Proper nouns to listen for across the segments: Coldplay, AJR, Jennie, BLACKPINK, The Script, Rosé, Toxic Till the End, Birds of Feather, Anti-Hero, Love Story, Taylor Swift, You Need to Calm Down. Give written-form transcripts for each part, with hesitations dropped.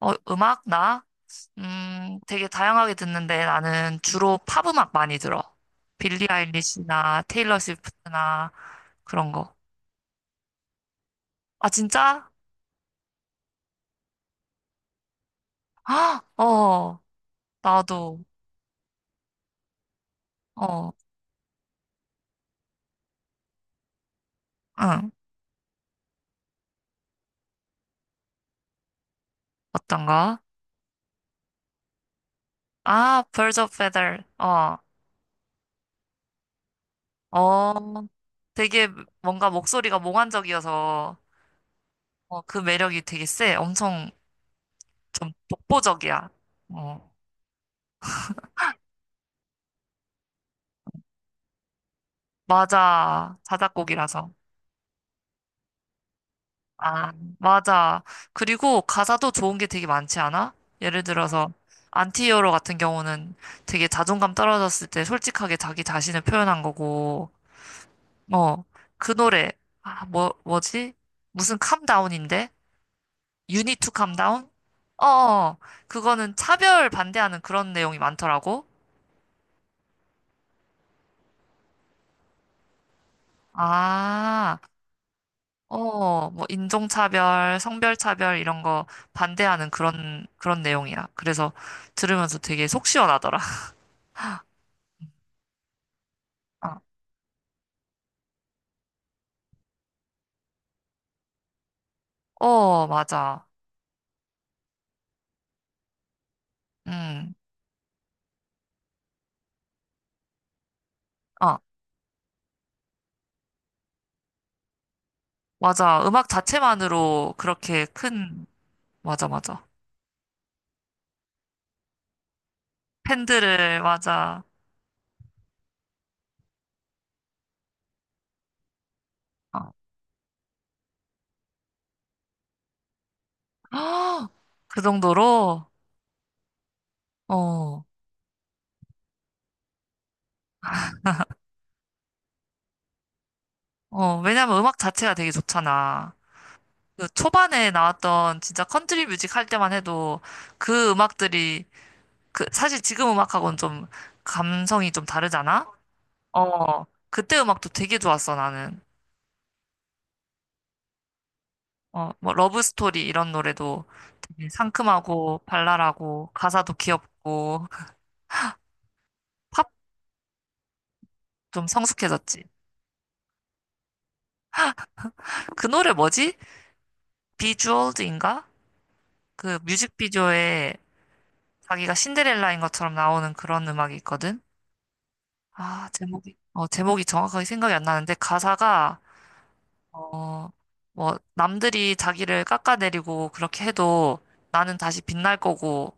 어, 음악, 나? 되게 다양하게 듣는데 나는 주로 팝 음악 많이 들어. 빌리 아일리시나 테일러 스위프트나 그런 거. 아, 진짜? 아, 어, 나도, 어, 응. 어떤 가 아, Birds of Feather. 어, 어, 되게 뭔가 목소리가 몽환적이어서 어, 그 매력이 되게 세. 엄청 좀 독보적이야. 어, 맞아. 자작곡이라서. 아, 맞아. 그리고 가사도 좋은 게 되게 많지 않아? 예를 들어서 안티히어로 같은 경우는 되게 자존감 떨어졌을 때 솔직하게 자기 자신을 표현한 거고, 어, 그 노래, 아, 뭐지? 무슨 캄다운인데? You need to calm down? 어, 어. 그거는 차별 반대하는 그런 내용이 많더라고. 아, 어, 뭐 인종차별, 성별차별 이런 거 반대하는 그런 내용이야. 그래서 들으면서 되게 속 시원하더라. 아, 어, 맞아. 음, 아, 맞아. 음악 자체만으로 그렇게 큰, 맞아, 맞아. 팬들을, 맞아. 아, 그 정도로? 어, 어, 왜냐면 음악 자체가 되게 좋잖아. 그 초반에 나왔던 진짜 컨트리 뮤직 할 때만 해도 그 음악들이, 그, 사실 지금 음악하고는 좀 감성이 좀 다르잖아? 어, 그때 음악도 되게 좋았어, 나는. 어, 뭐 러브 스토리 이런 노래도 되게 상큼하고 발랄하고 가사도 귀엽고 팝 좀 성숙해졌지. 그 노래 뭐지? 비주얼즈인가? 그 뮤직비디오에 자기가 신데렐라인 것처럼 나오는 그런 음악이 있거든. 아, 제목이 어, 제목이 정확하게 생각이 안 나는데 가사가 어, 뭐 남들이 자기를 깎아내리고 그렇게 해도 나는 다시 빛날 거고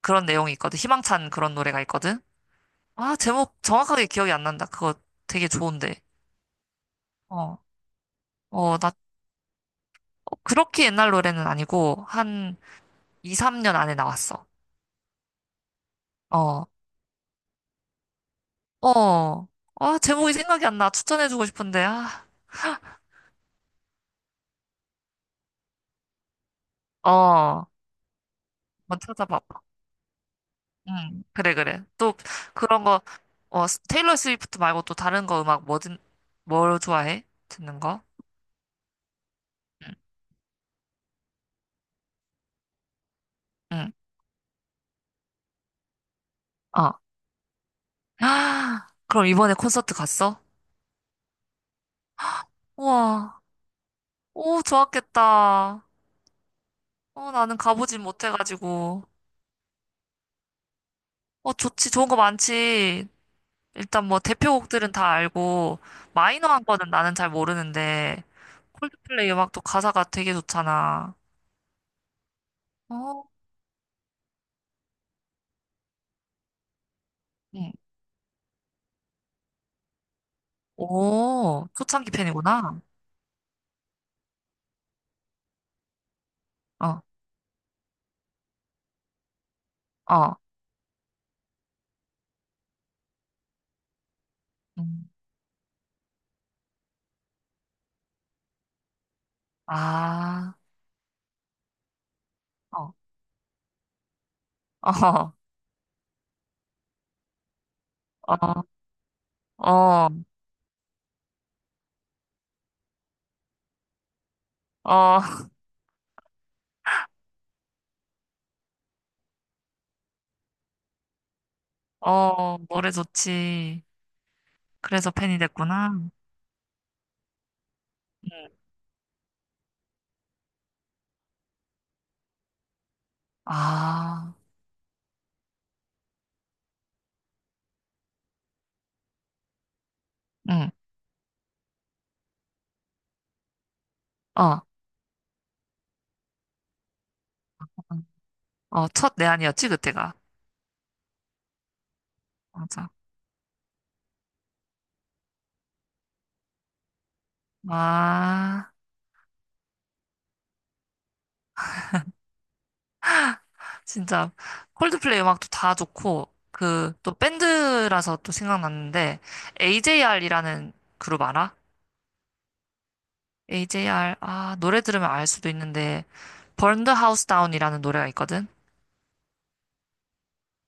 그런 내용이 있거든. 희망찬 그런 노래가 있거든. 아, 제목 정확하게 기억이 안 난다. 그거 되게 좋은데. 어, 어, 나 그렇게 옛날 노래는 아니고, 한 2, 3년 안에 나왔어. 어, 어. 아, 제목이 생각이 안 나. 추천해주고 싶은데, 아. 어, 한번 찾아봐봐. 응, 그래, 그래. 또, 그런 거, 어, 스- 테일러 스위프트 말고 또 다른 거 음악 뭐든, 뭘 좋아해? 듣는 거? 응, 응, 어. 아, 그럼 이번에 콘서트 갔어? 우와, 오, 좋았겠다. 어, 나는 가보진 못해가지고. 어, 좋지. 좋은 거 많지. 일단 뭐 대표곡들은 다 알고, 마이너한 거는 나는 잘 모르는데, 콜드플레이 음악도 가사가 되게 좋잖아. 어? 응. 오, 초창기 팬이구나. 어, 어. 음. 아, 어, 어, 어, 어, 어, 어, 노래 좋지. 그래서 팬이 됐구나. 응. 아, 응, 어, 어, 첫 내한이었지, 그때가. 맞아. 아. 진짜 콜드플레이 음악도 다 좋고 그 또 밴드라서 또 생각났는데 AJR이라는 그룹 알아? AJR 아 노래 들으면 알 수도 있는데 Burn the House Down이라는 노래가 있거든.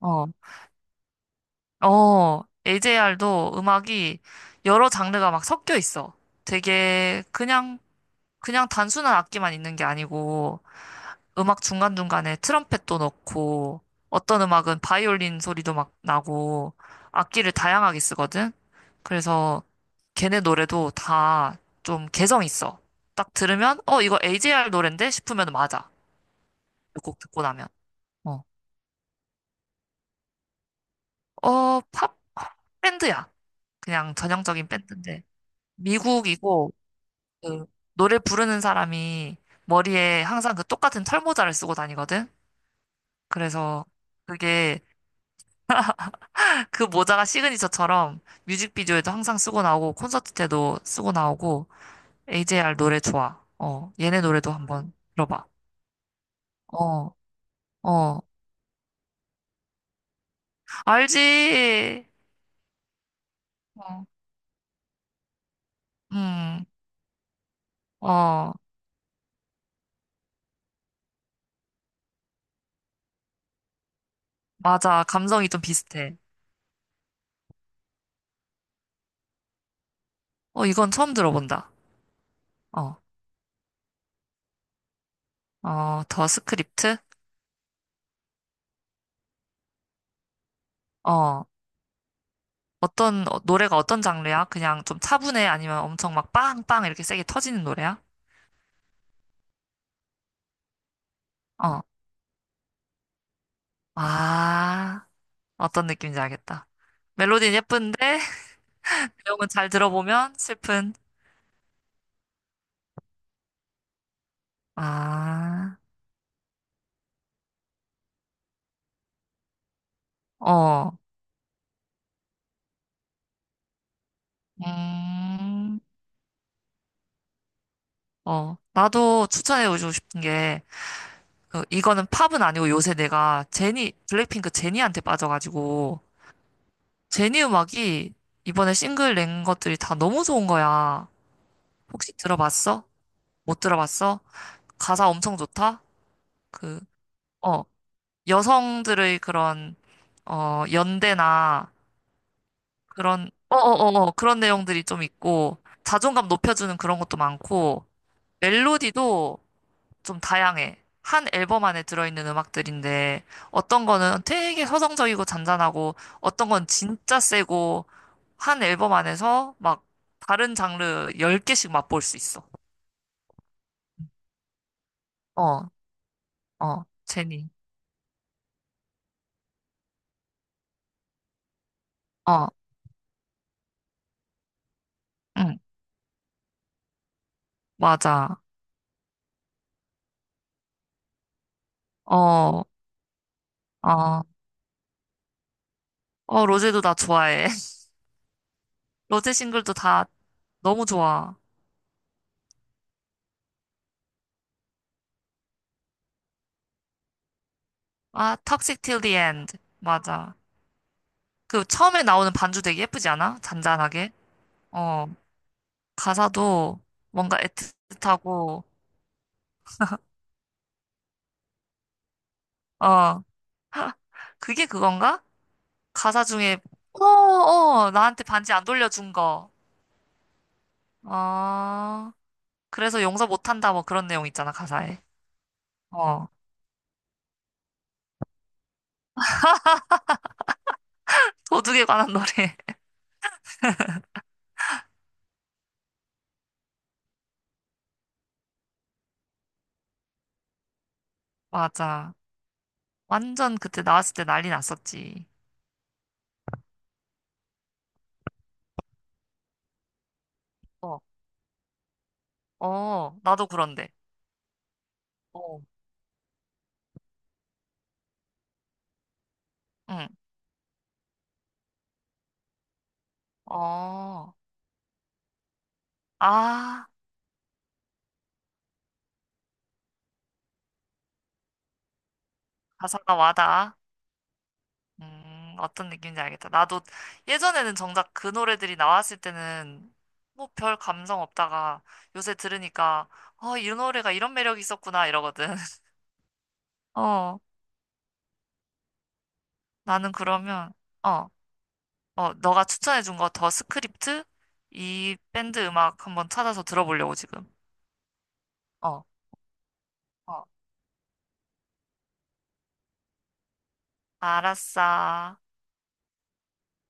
어. 어, AJR도 음악이 여러 장르가 막 섞여 있어. 되게 그냥 그냥 단순한 악기만 있는 게 아니고 음악 중간중간에 트럼펫도 넣고, 어떤 음악은 바이올린 소리도 막 나고, 악기를 다양하게 쓰거든? 그래서 걔네 노래도 다 좀 개성 있어. 딱 들으면, 어, 이거 AJR 노랜데? 싶으면 맞아. 그 곡 듣고 나면. 어, 어, 팝? 밴드야. 그냥 전형적인 밴드인데. 미국이고, 그, 노래 부르는 사람이 머리에 항상 그 똑같은 털모자를 쓰고 다니거든? 그래서 그게 그 모자가 시그니처처럼 뮤직비디오에도 항상 쓰고 나오고 콘서트 때도 쓰고 나오고 AJR 노래 좋아. 어, 얘네 노래도 한번 들어봐. 어, 어, 알지? 어, 음, 어, 맞아. 감성이 좀 비슷해. 어, 이건 처음 들어본다. 어, 어, 더 스크립트? 어, 어떤, 어, 노래가 어떤 장르야? 그냥 좀 차분해? 아니면 엄청 막 빵빵 이렇게 세게 터지는 노래야? 어, 아, 어떤 느낌인지 알겠다. 멜로디는 예쁜데 내용은 잘 들어보면 슬픈. 아, 어, 음, 어. 나도 추천해주고 싶은 게, 그, 이거는 팝은 아니고 요새 내가 제니, 블랙핑크 제니한테 빠져가지고, 제니 음악이 이번에 싱글 낸 것들이 다 너무 좋은 거야. 혹시 들어봤어? 못 들어봤어? 가사 엄청 좋다? 그, 어, 여성들의 그런, 어, 연대나, 그런, 그런 내용들이 좀 있고, 자존감 높여주는 그런 것도 많고, 멜로디도 좀 다양해. 한 앨범 안에 들어있는 음악들인데, 어떤 거는 되게 서정적이고 잔잔하고, 어떤 건 진짜 세고, 한 앨범 안에서 막 다른 장르 열 개씩 맛볼 수 있어. 어, 어, 제니. 어, 응, 맞아. 어, 어, 어, 로제도 나 좋아해. 로제 싱글도 다 너무 좋아. 아, Toxic Till the End. 맞아. 그 처음에 나오는 반주 되게 예쁘지 않아? 잔잔하게. 어, 가사도 뭔가 애틋하고, 어, 그게 그건가? 가사 중에, 어, 어, 나한테 반지 안 돌려준 거. 어, 그래서 용서 못한다. 뭐 그런 내용 있잖아, 가사에. 어, 도둑에 관한 노래. 맞아. 완전 그때 나왔을 때 난리 났었지. 어, 어, 나도 그런데. 어. 응. 어, 아, 가사가 와닿아. 어떤 느낌인지 알겠다. 나도 예전에는 정작 그 노래들이 나왔을 때는 뭐 별 감성 없다가 요새 들으니까, 어, 이 노래가 이런 매력이 있었구나 이러거든. 어, 나는 그러면, 어, 어, 너가 추천해준 거 더 스크립트? 이 밴드 음악 한번 찾아서 들어보려고 지금. 어, 어, 알았어.